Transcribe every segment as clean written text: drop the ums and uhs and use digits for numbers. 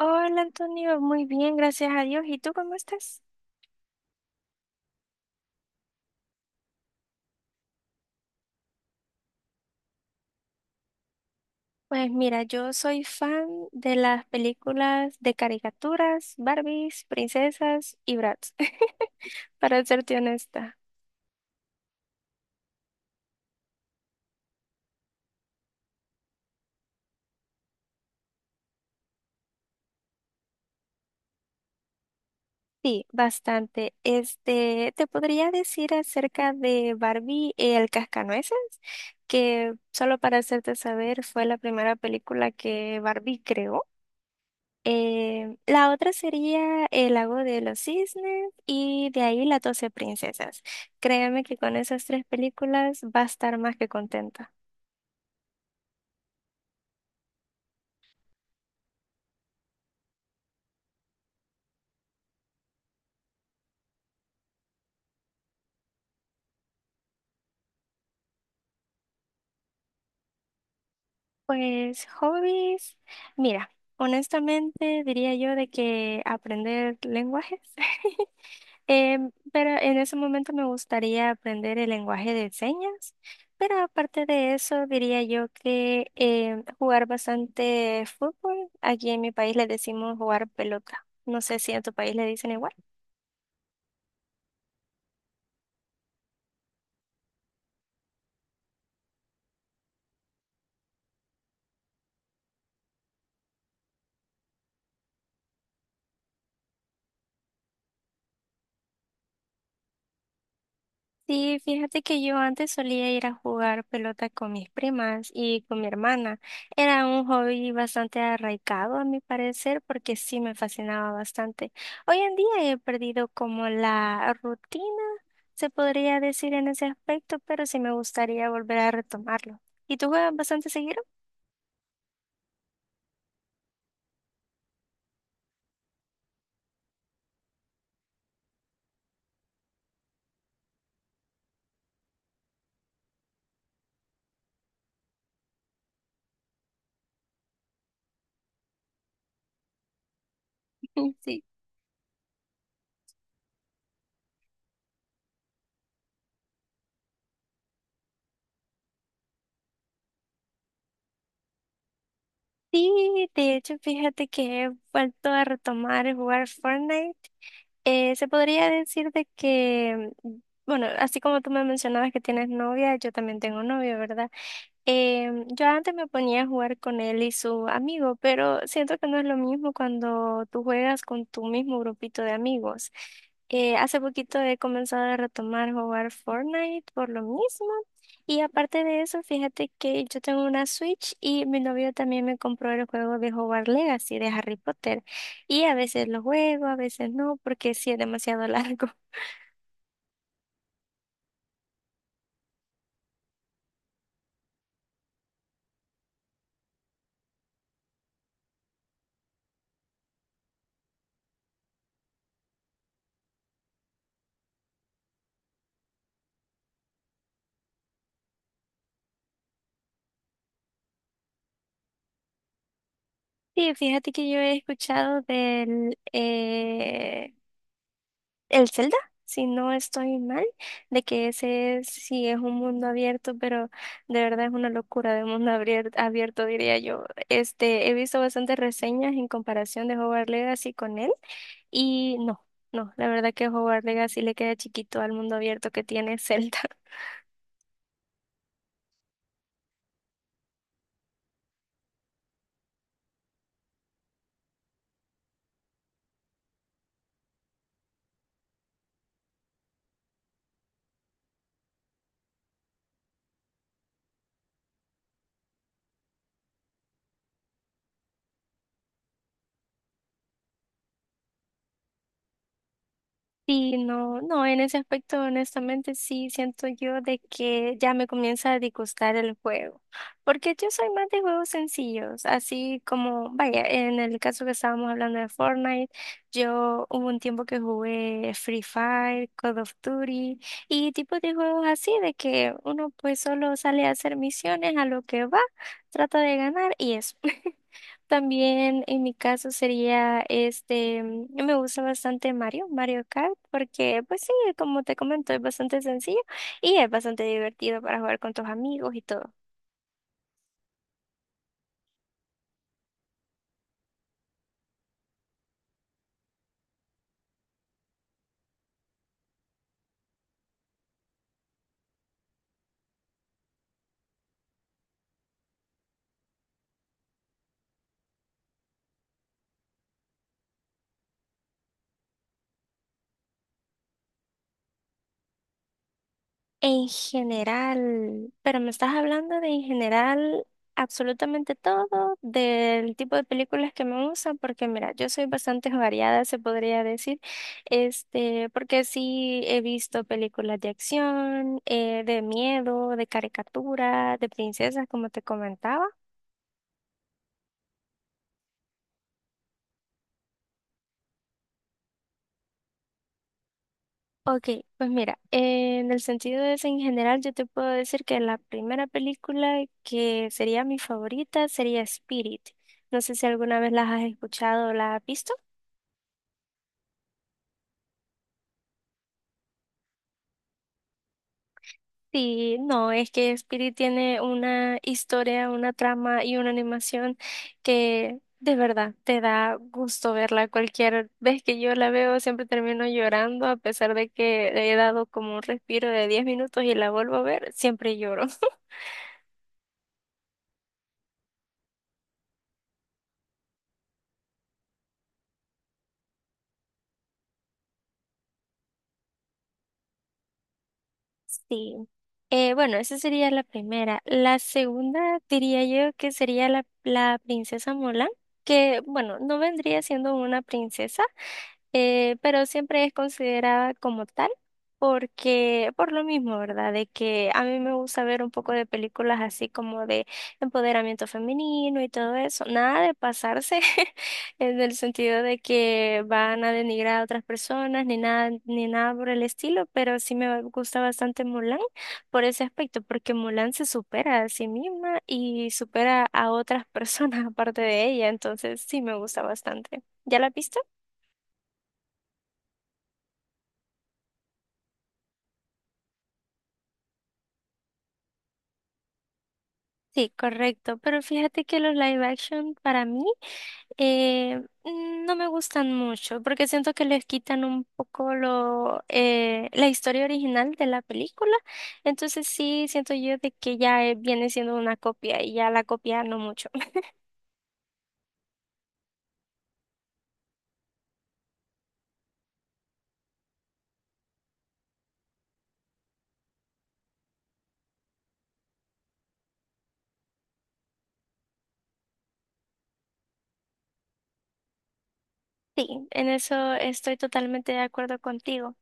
Hola Antonio, muy bien, gracias a Dios. ¿Y tú cómo estás? Pues mira, yo soy fan de las películas de caricaturas, Barbies, princesas y Bratz, para serte honesta. Sí, bastante. Este, te podría decir acerca de Barbie el Cascanueces, que solo para hacerte saber fue la primera película que Barbie creó. La otra sería el lago de los cisnes y de ahí las 12 princesas. Créeme que con esas tres películas va a estar más que contenta. Pues hobbies, mira, honestamente diría yo de que aprender lenguajes. Pero en ese momento me gustaría aprender el lenguaje de señas, pero aparte de eso diría yo que jugar bastante fútbol, aquí en mi país le decimos jugar pelota, no sé si en tu país le dicen igual. Sí, fíjate que yo antes solía ir a jugar pelota con mis primas y con mi hermana. Era un hobby bastante arraigado, a mi parecer, porque sí me fascinaba bastante. Hoy en día he perdido como la rutina, se podría decir en ese aspecto, pero sí me gustaría volver a retomarlo. ¿Y tú juegas bastante seguido? Sí. Sí, de hecho, fíjate que he vuelto a retomar el jugar Fortnite. Se podría decir bueno, así como tú me mencionabas que tienes novia, yo también tengo novio, ¿verdad? Yo antes me ponía a jugar con él y su amigo, pero siento que no es lo mismo cuando tú juegas con tu mismo grupito de amigos. Hace poquito he comenzado a retomar jugar Fortnite por lo mismo. Y aparte de eso, fíjate que yo tengo una Switch y mi novio también me compró el juego de jugar Legacy de Harry Potter. Y a veces lo juego, a veces no, porque sí es demasiado largo. Sí, fíjate que yo he escuchado el Zelda, si no estoy mal, de que ese es, sí es un mundo abierto, pero de verdad es una locura de mundo abierto, diría yo. Este, he visto bastantes reseñas en comparación de Hogwarts Legacy con él y no, no, la verdad que Hogwarts Legacy le queda chiquito al mundo abierto que tiene Zelda. Sí, no, no, en ese aspecto, honestamente, sí siento yo de que ya me comienza a disgustar el juego, porque yo soy más de juegos sencillos, así como, vaya, en el caso que estábamos hablando de Fortnite, yo hubo un tiempo que jugué Free Fire, Call of Duty y tipos de juegos así de que uno pues solo sale a hacer misiones a lo que va, trata de ganar y eso. También en mi caso sería me gusta bastante Mario, Mario Kart, porque pues sí, como te comento, es bastante sencillo y es bastante divertido para jugar con tus amigos y todo. En general, pero me estás hablando de en general absolutamente todo, del tipo de películas que me gustan, porque mira, yo soy bastante variada, se podría decir, este, porque sí he visto películas de acción, de miedo, de caricatura, de princesas, como te comentaba. Ok, pues mira, en el sentido de eso en general, yo te puedo decir que la primera película que sería mi favorita sería Spirit. No sé si alguna vez las has escuchado o las has visto. Sí, no, es que Spirit tiene una historia, una trama y una animación que de verdad te da gusto verla. Cualquier vez que yo la veo siempre termino llorando, a pesar de que le he dado como un respiro de 10 minutos y la vuelvo a ver, siempre lloro. Sí. Bueno, esa sería la primera. La segunda diría yo que sería la princesa Mulan, que bueno, no vendría siendo una princesa, pero siempre es considerada como tal, porque por lo mismo, ¿verdad? De que a mí me gusta ver un poco de películas así como de empoderamiento femenino y todo eso, nada de pasarse, en el sentido de que van a denigrar a otras personas, ni nada, ni nada por el estilo, pero sí me gusta bastante Mulan por ese aspecto, porque Mulan se supera a sí misma y supera a otras personas aparte de ella, entonces sí me gusta bastante. ¿Ya la viste? Sí, correcto, pero fíjate que los live action para mí eh, no me gustan mucho porque siento que les quitan un poco lo, la historia original de la película, entonces sí siento yo de que ya viene siendo una copia y ya la copia no mucho. Sí, en eso estoy totalmente de acuerdo contigo.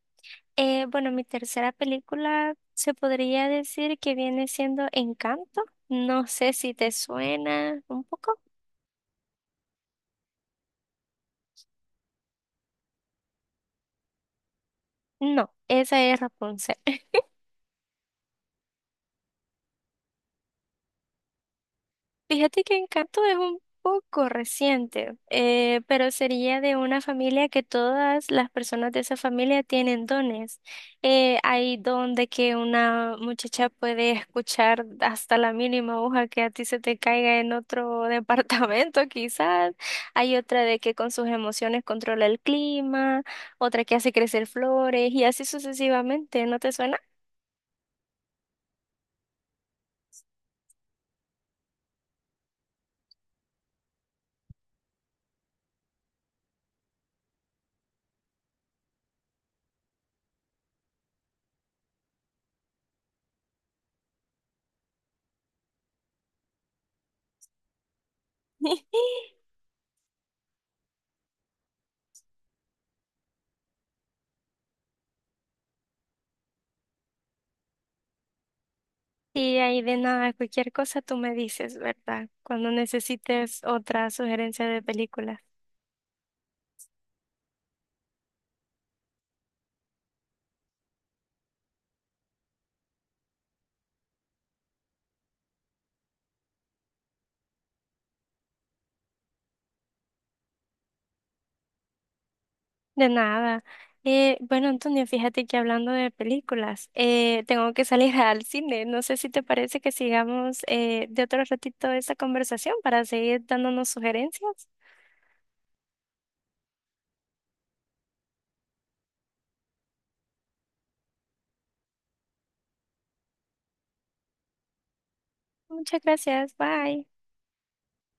Bueno, mi tercera película se podría decir que viene siendo Encanto, no sé si te suena un poco. No, esa es Rapunzel. Fíjate que Encanto es un poco reciente, pero sería de una familia que todas las personas de esa familia tienen dones. Hay don de que una muchacha puede escuchar hasta la mínima hoja que a ti se te caiga en otro departamento, quizás. Hay otra de que con sus emociones controla el clima, otra que hace crecer flores y así sucesivamente. ¿No te suena? Y ahí de nada, cualquier cosa tú me dices, ¿verdad? Cuando necesites otra sugerencia de películas. De nada. Bueno, Antonio, fíjate que hablando de películas, tengo que salir al cine. No sé si te parece que sigamos de otro ratito esta conversación para seguir dándonos sugerencias. Muchas gracias. Bye.